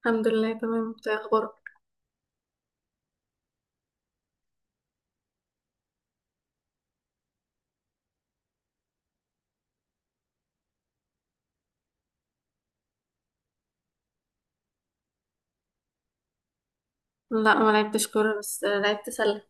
الحمد لله تمام، انت ايه اخبارك؟ لا، ما لعبتش كوره بس لعبت سله.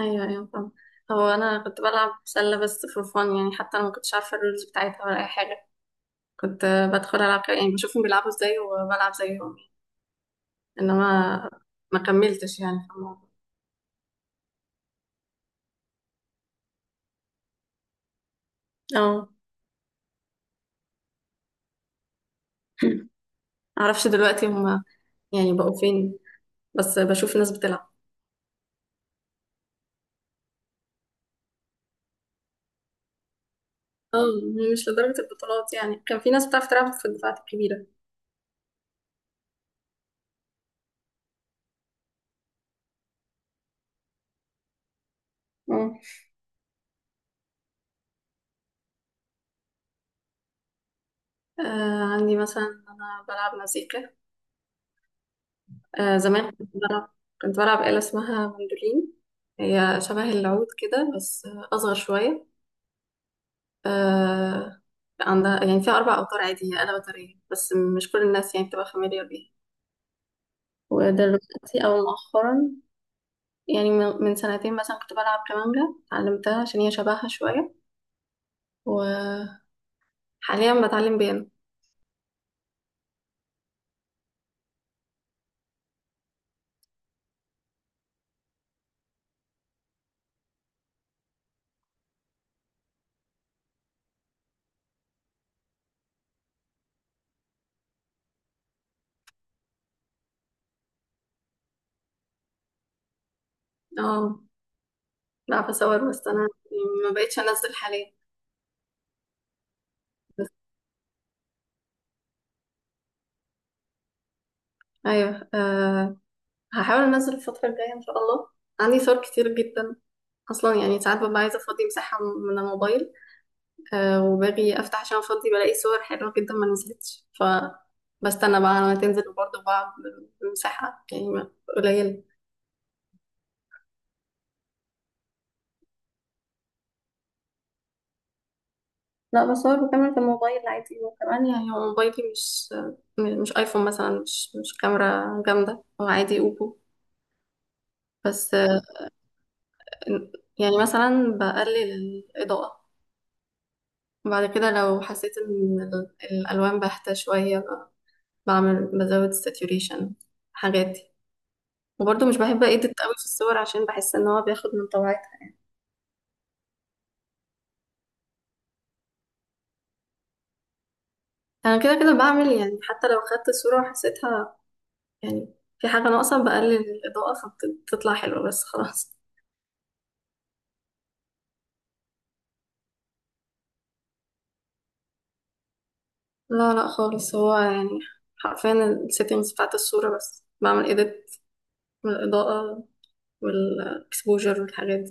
ايوه، ايوه، فاهم. هو انا كنت بلعب سله بس فور فان، يعني حتى انا ما كنتش عارفه الرولز بتاعتها ولا اي حاجه. كنت بدخل العب كده، يعني بشوفهم بيلعبوا ازاي وبلعب زيهم. انما، ما كملتش يعني في الموضوع. اه. معرفش دلوقتي هم يعني بقوا فين، بس بشوف ناس بتلعب. اه. مش لدرجه البطولات، يعني كان في ناس بتعرف تلعب في الدفعات الكبيره. اه. عندي مثلا انا بلعب مزيكا. زمان كنت بلعب، كنت بلعب آلة اسمها مندولين. هي شبه العود كده، بس أصغر شوية. آه عندها يعني فيها 4 أوتار عادية، آلة وترية، بس مش كل الناس يعني بتبقى فاميليار بيها. ودلوقتي أو مؤخرا، يعني من سنتين مثلا كنت بلعب كمانجا، اتعلمتها عشان هي شبهها شوية. وحاليا بتعلم بيانو. اه، بعرف أصور، بس أنا ما بقتش أنزل حاليا. بس أيوه، أه، هحاول أنزل الفترة الجاية إن شاء الله. عندي صور كتير جدا اصلا، يعني ساعات ببقى عايزه افضي مساحه من الموبايل. أه، وباجي افتح عشان افضي بلاقي صور حلوه جدا، ما نزلتش ف بستنى بقى لما تنزل، وبرضه بقعد بمساحه يعني قليله. لا، بصور بكاميرا الموبايل عادي، وكمان يعني هو موبايلي مش ايفون مثلا، مش كاميرا جامده، هو عادي اوبو. بس يعني مثلا بقلل الاضاءه. بعد كده لو حسيت ان الالوان باهته شويه، بزود الساتوريشن، حاجات دي. وبرضه مش بحب ايديت قوي في الصور، عشان بحس ان هو بياخد من طبيعتها. انا كده كده بعمل، يعني حتى لو خدت صورة وحسيتها يعني في حاجة ناقصة، بقلل الإضاءة فبتطلع حلوة بس خلاص. لا، لا، خالص، هو يعني حرفيا السيتنجز بتاعت الصورة بس بعمل ايديت، من الإضاءة والاكسبوجر والحاجات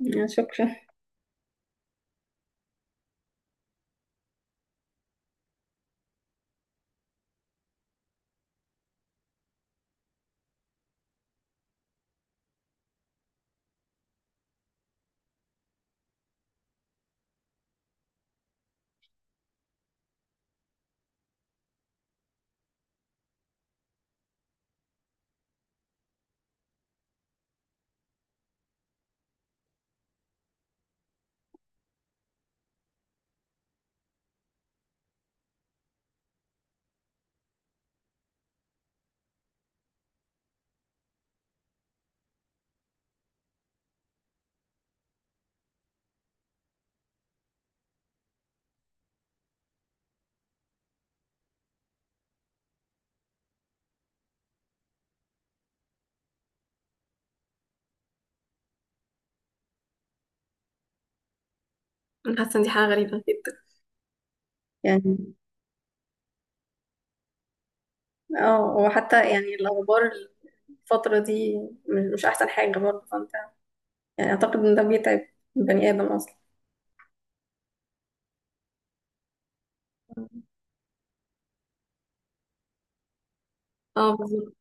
دي، يا شكرا. أنا حاسة إن دي حاجة غريبة جدا يعني. اه، وحتى يعني الأخبار الفترة دي مش أحسن حاجة برضه، فأنت يعني أعتقد إن ده بيتعب البني آدم أصلا. اه، بالظبط.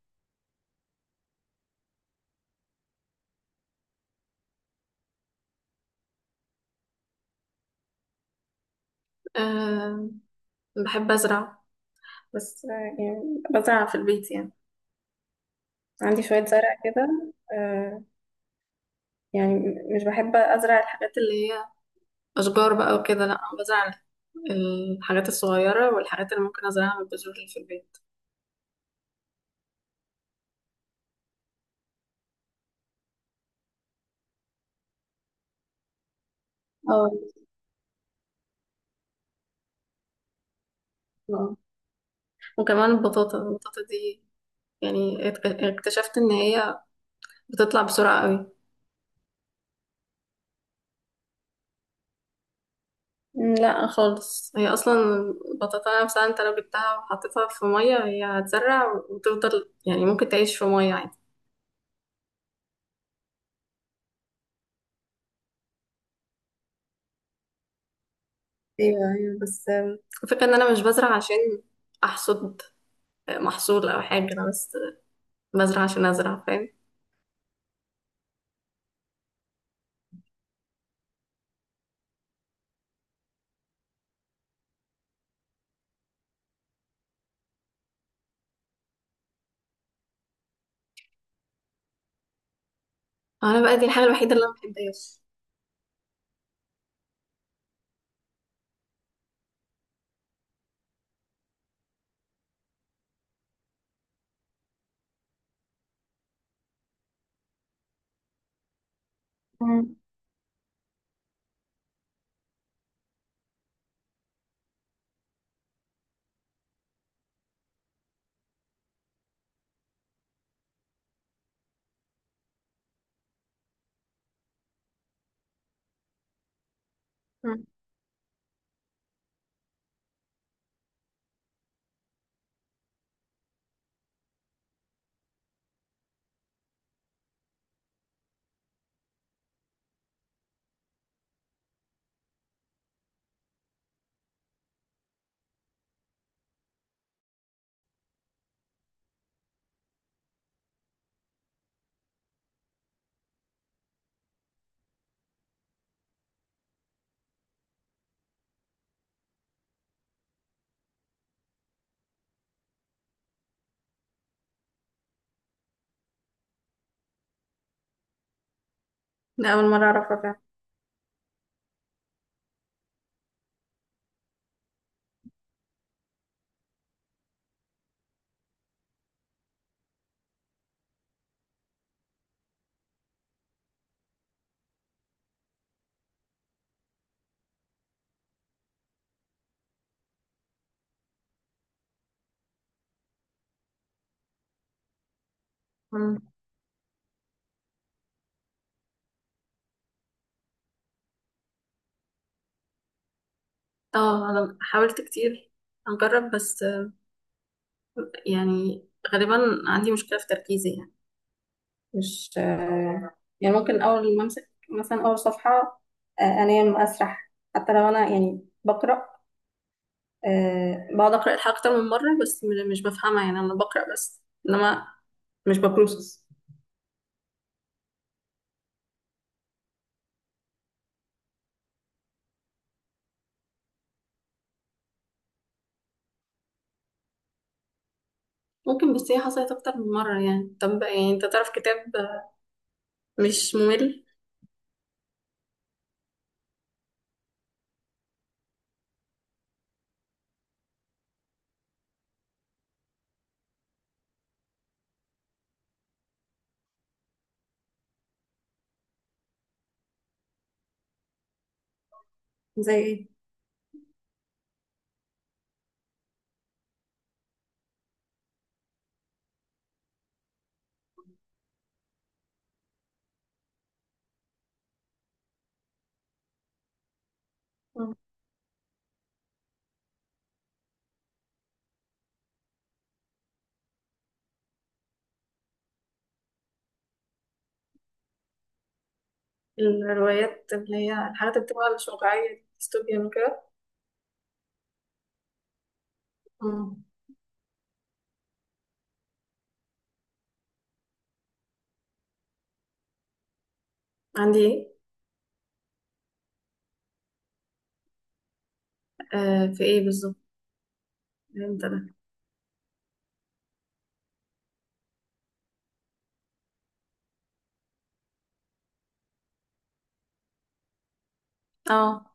أه، بحب أزرع، بس يعني بزرع في البيت يعني، عندي شوية زرع كده. أه، يعني مش بحب أزرع الحاجات اللي هي أشجار بقى وكده، لأ، أنا بزرع الحاجات الصغيرة والحاجات اللي ممكن أزرعها بالبذور اللي في البيت. اه، آه. وكمان البطاطا، البطاطا دي يعني اكتشفت إن هي بتطلع بسرعة قوي. لا، خالص، هي أصلا البطاطا نفسها أنت لو جبتها وحطيتها في مية هي هتزرع وتفضل، يعني ممكن تعيش في مية عادي. ايوه، ايوه، بس الفكرة ان انا مش بزرع عشان احصد محصول او حاجة، انا بس بزرع عشان ازرع، فاهم. انا بقى دي الحاجة الوحيدة اللي انا محبهاش. مم. مم. ده اول مرة اعرفها فعلا. مم. اه، انا حاولت كتير اجرب، بس يعني غالبا عندي مشكلة في تركيزي، يعني مش يعني ممكن اول ما امسك مثلا اول صفحة، انام اسرح، حتى لو انا يعني بقرأ بقعد أقرأ الحلقة أكتر من مرة، بس مش بفهمها، يعني أنا بقرأ بس، إنما مش ببروسس. ممكن، بس هي حصلت أكتر من مرة يعني، طب يعني أنت تعرف كتاب مش ممل؟ زي إيه؟ مم. الروايات اللي هي الحاجات اللي بتبقى مش واقعية دي، ديستوبيا وكده؟ مم. عندي إيه؟ آه، في إيه بالظبط؟ إمتى ده؟ اه.